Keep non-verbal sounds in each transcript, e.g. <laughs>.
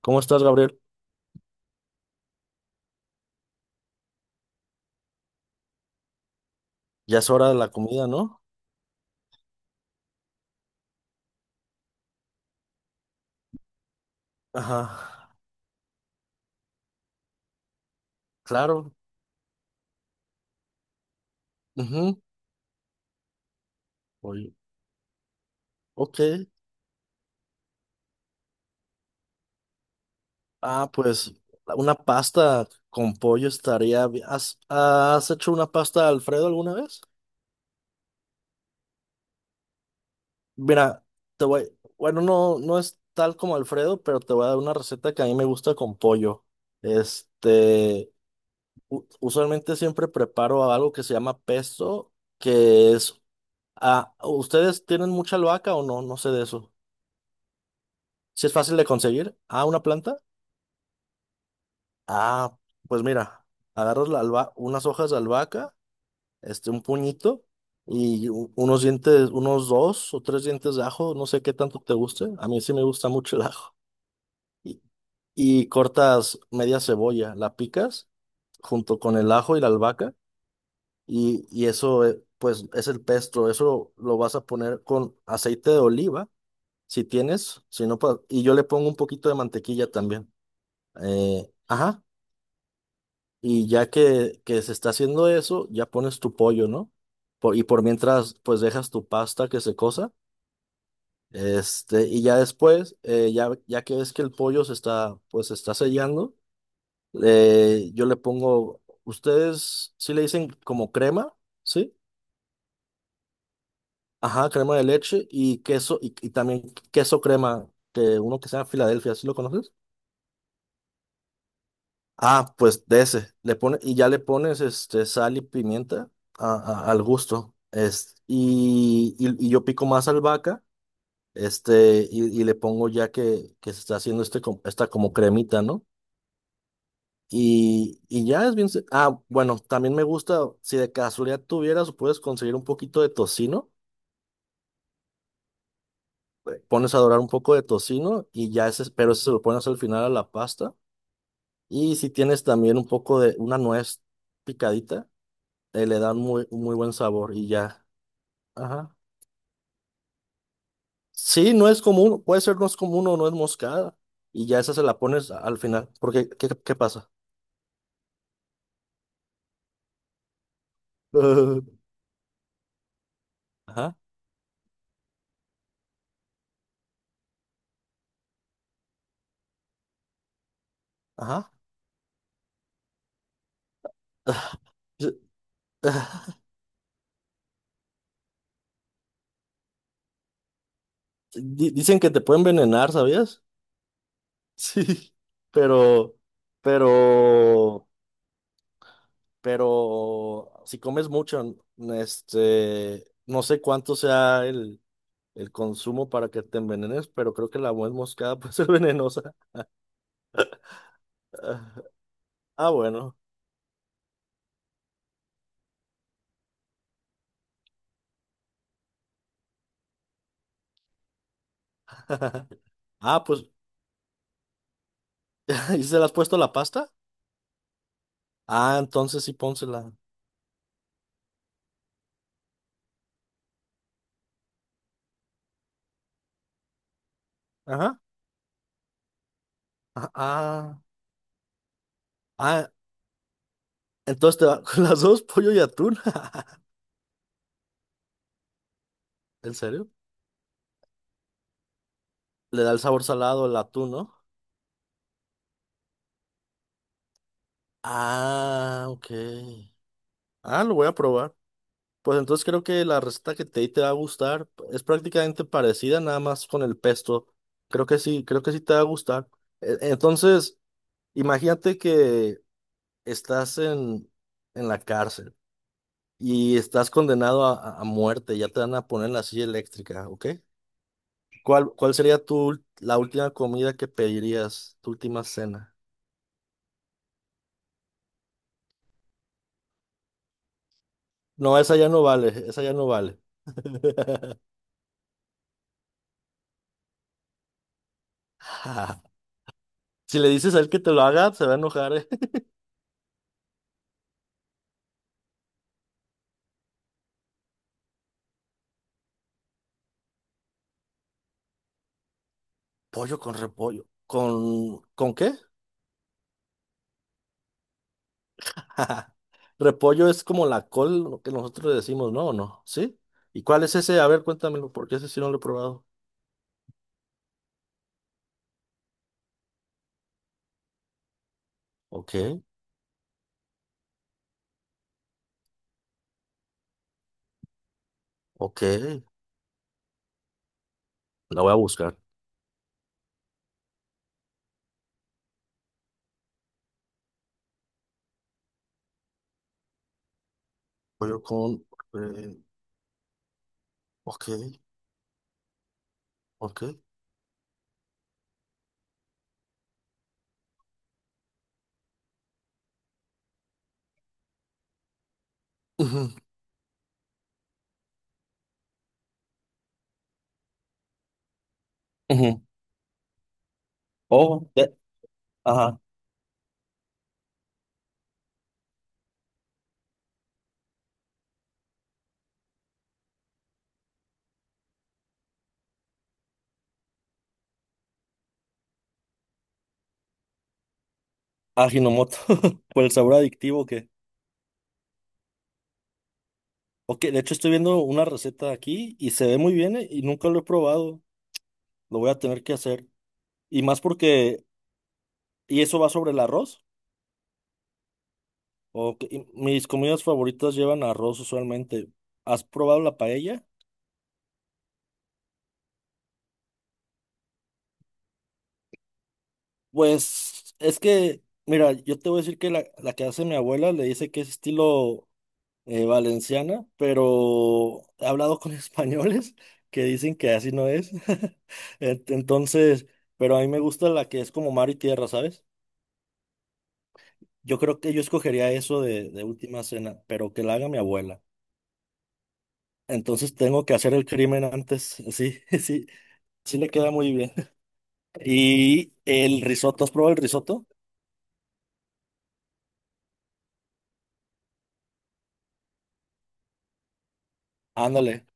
¿Cómo estás, Gabriel? Ya es hora de la comida, ¿no? Ajá, claro. Ujú. Oye, ok. Ah, pues una pasta con pollo estaría bien. ¿Has hecho una pasta Alfredo alguna vez? Mira, te voy. Bueno, no es tal como Alfredo, pero te voy a dar una receta que a mí me gusta con pollo. Este, usualmente siempre preparo algo que se llama pesto, que es. Ah, ¿ustedes tienen mucha albahaca o no? No sé de eso. Si es fácil de conseguir. Ah, una planta. Ah, pues mira, agarras la unas hojas de albahaca, un puñito y unos dientes, unos dos o tres dientes de ajo, no sé qué tanto te guste. A mí sí me gusta mucho el ajo. Y, y cortas media cebolla, la picas junto con el ajo y la albahaca y eso, pues, es el pesto. Eso lo vas a poner con aceite de oliva, si tienes, si no, pues, y yo le pongo un poquito de mantequilla también. Ajá. Y ya que se está haciendo eso, ya pones tu pollo, ¿no? Y por mientras, pues dejas tu pasta que se cosa. Este, y ya después, ya, ya que ves que el pollo se está, pues se está sellando, yo le pongo, ustedes sí le dicen como crema, ¿sí? Ajá, crema de leche y queso, y también queso crema, que uno que sea Filadelfia, ¿sí lo conoces? Ah, pues de ese. Le pone, y ya le pones este, sal y pimienta a- al gusto. Es, y yo pico más albahaca, este, y le pongo ya que se está haciendo este, esta como cremita, ¿no? Y ya es bien. Ah, bueno, también me gusta, si de casualidad tuvieras, puedes conseguir un poquito de tocino. Pones a dorar un poco de tocino y ya ese, pero ese se lo pones al final a la pasta. Y si tienes también un poco de una nuez picadita le dan muy, muy buen sabor y ya. Ajá. Sí, no es común, puede ser no es común o no es moscada y ya esa se la pones al final, porque ¿qué pasa? <laughs> Ajá, ajá. <laughs> Dicen que te pueden envenenar, ¿sabías? <laughs> Sí, pero, pero, pero si comes mucho, este, no sé cuánto sea el consumo para que te envenenes, pero creo que la nuez moscada <laughs> puede ser venenosa. <laughs> Ah, bueno. <laughs> Ah, pues, <laughs> ¿y se le has puesto la pasta? Ah, entonces sí, pónsela. Ajá. Ah, ah, ah, entonces te va <laughs> con las dos, pollo y atún. <laughs> ¿En serio? Le da el sabor salado el atún, ¿no? Ah, ok. Ah, lo voy a probar. Pues entonces creo que la receta que te di te va a gustar. Es prácticamente parecida, nada más con el pesto. Creo que sí te va a gustar. Entonces, imagínate que estás en la cárcel. Y estás condenado a muerte, ya te van a poner en la silla eléctrica, ¿ok? ¿Cuál sería tu, la última comida que pedirías, tu última cena? No, esa ya no vale, esa ya no vale. <laughs> Si le dices a él que te lo haga, se va a enojar, ¿eh? <laughs> Pollo con repollo. Con qué? <laughs> Repollo es como la col, lo que nosotros le decimos, ¿no? ¿O no? ¿Sí? ¿Y cuál es ese? A ver, cuéntamelo, porque ese sí no lo he probado. Ok, ok, la voy a buscar. Pollo con repollo. Ok, ok. Ujú. Ujú. Oh, ajá, Ajinomoto, <laughs> por el sabor adictivo que... Ok, de hecho estoy viendo una receta aquí y se ve muy bien y nunca lo he probado. Lo voy a tener que hacer. Y más porque... ¿Y eso va sobre el arroz? Ok, y mis comidas favoritas llevan arroz usualmente. ¿Has probado la paella? Pues es que, mira, yo te voy a decir que la que hace mi abuela le dice que es estilo valenciana, pero he hablado con <laughs> españoles que dicen que así no es. <laughs> Entonces, pero a mí me gusta la que es como mar y tierra, ¿sabes? Yo creo que yo escogería eso de última cena, pero que la haga mi abuela. Entonces tengo que hacer el crimen antes. Sí, <laughs> sí, sí le queda muy bien. <laughs> Y el risotto, ¿has probado el risotto? Ándale.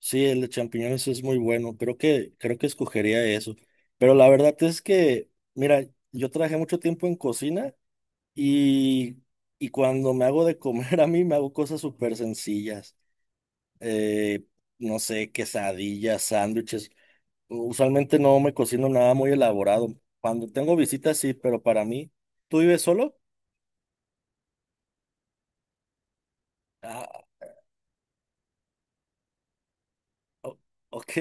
Sí, el de champiñones es muy bueno. Creo que escogería eso. Pero la verdad es que, mira, yo trabajé mucho tiempo en cocina Y, y cuando me hago de comer a mí, me hago cosas súper sencillas. Eh, no sé, quesadillas, sándwiches. Usualmente no me cocino nada muy elaborado. Cuando tengo visitas, sí, pero para mí, ¿tú vives solo? Ah, o- ok,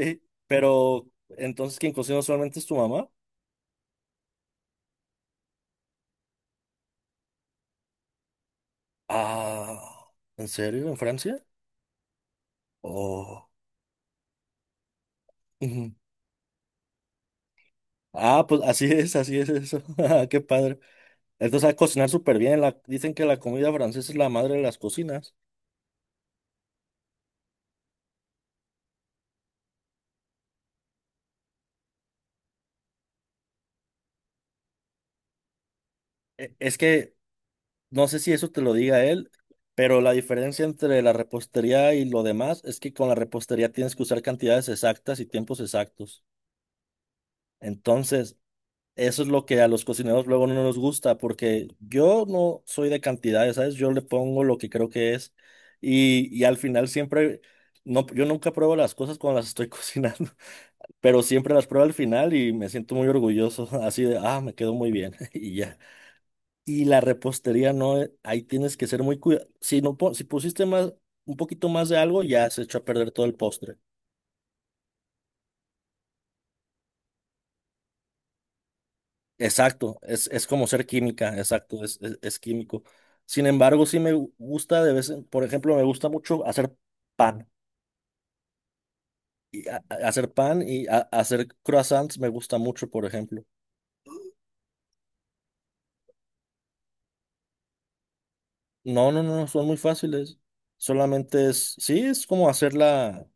pero entonces quien cocina usualmente es tu mamá. Ah, ¿en serio? ¿En Francia? Oh. Ujú. Ah, pues así es eso. <laughs> Qué padre. Entonces, a cocinar súper bien. La, dicen que la comida francesa es la madre de las cocinas. Es que no sé si eso te lo diga él, pero la diferencia entre la repostería y lo demás es que con la repostería tienes que usar cantidades exactas y tiempos exactos. Entonces, eso es lo que a los cocineros luego no nos gusta, porque yo no soy de cantidades, ¿sabes? Yo le pongo lo que creo que es y al final siempre, no, yo nunca pruebo las cosas cuando las estoy <laughs> cocinando, pero siempre las pruebo al final y me siento muy orgulloso, así de, ah, me quedó muy bien <laughs> y ya. Y la repostería no, ahí tienes que ser muy cuidado. Si no, si pusiste más, un poquito más de algo, ya se echó a perder todo el postre. Exacto, es como ser química, exacto, es químico. Sin embargo, sí me gusta de vez en, por ejemplo, me gusta mucho hacer pan. Y hacer pan y hacer croissants me gusta mucho, por ejemplo. No, son muy fáciles. Solamente es, sí, es como hacerla,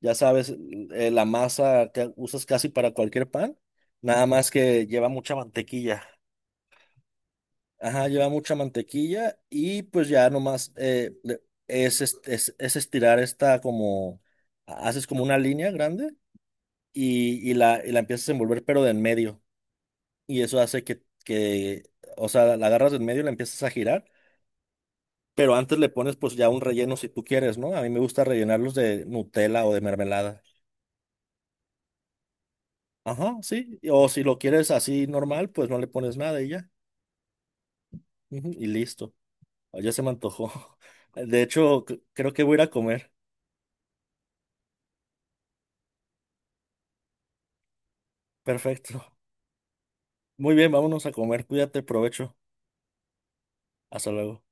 ya sabes, la masa que usas casi para cualquier pan, nada más que lleva mucha mantequilla. Ajá, lleva mucha mantequilla y pues ya nomás es, es estirar esta como, haces como una línea grande y y la empiezas a envolver pero de en medio. Y eso hace o sea, la agarras de en medio y la empiezas a girar. Pero antes le pones pues ya un relleno si tú quieres, ¿no? A mí me gusta rellenarlos de Nutella o de mermelada. Ajá, sí. O si lo quieres así normal, pues no le pones nada y ya. Ujú, y listo. Ah, ya se me antojó. <laughs> De hecho, creo que voy a ir a comer. Perfecto. Muy bien, vámonos a comer. Cuídate, provecho. Hasta luego.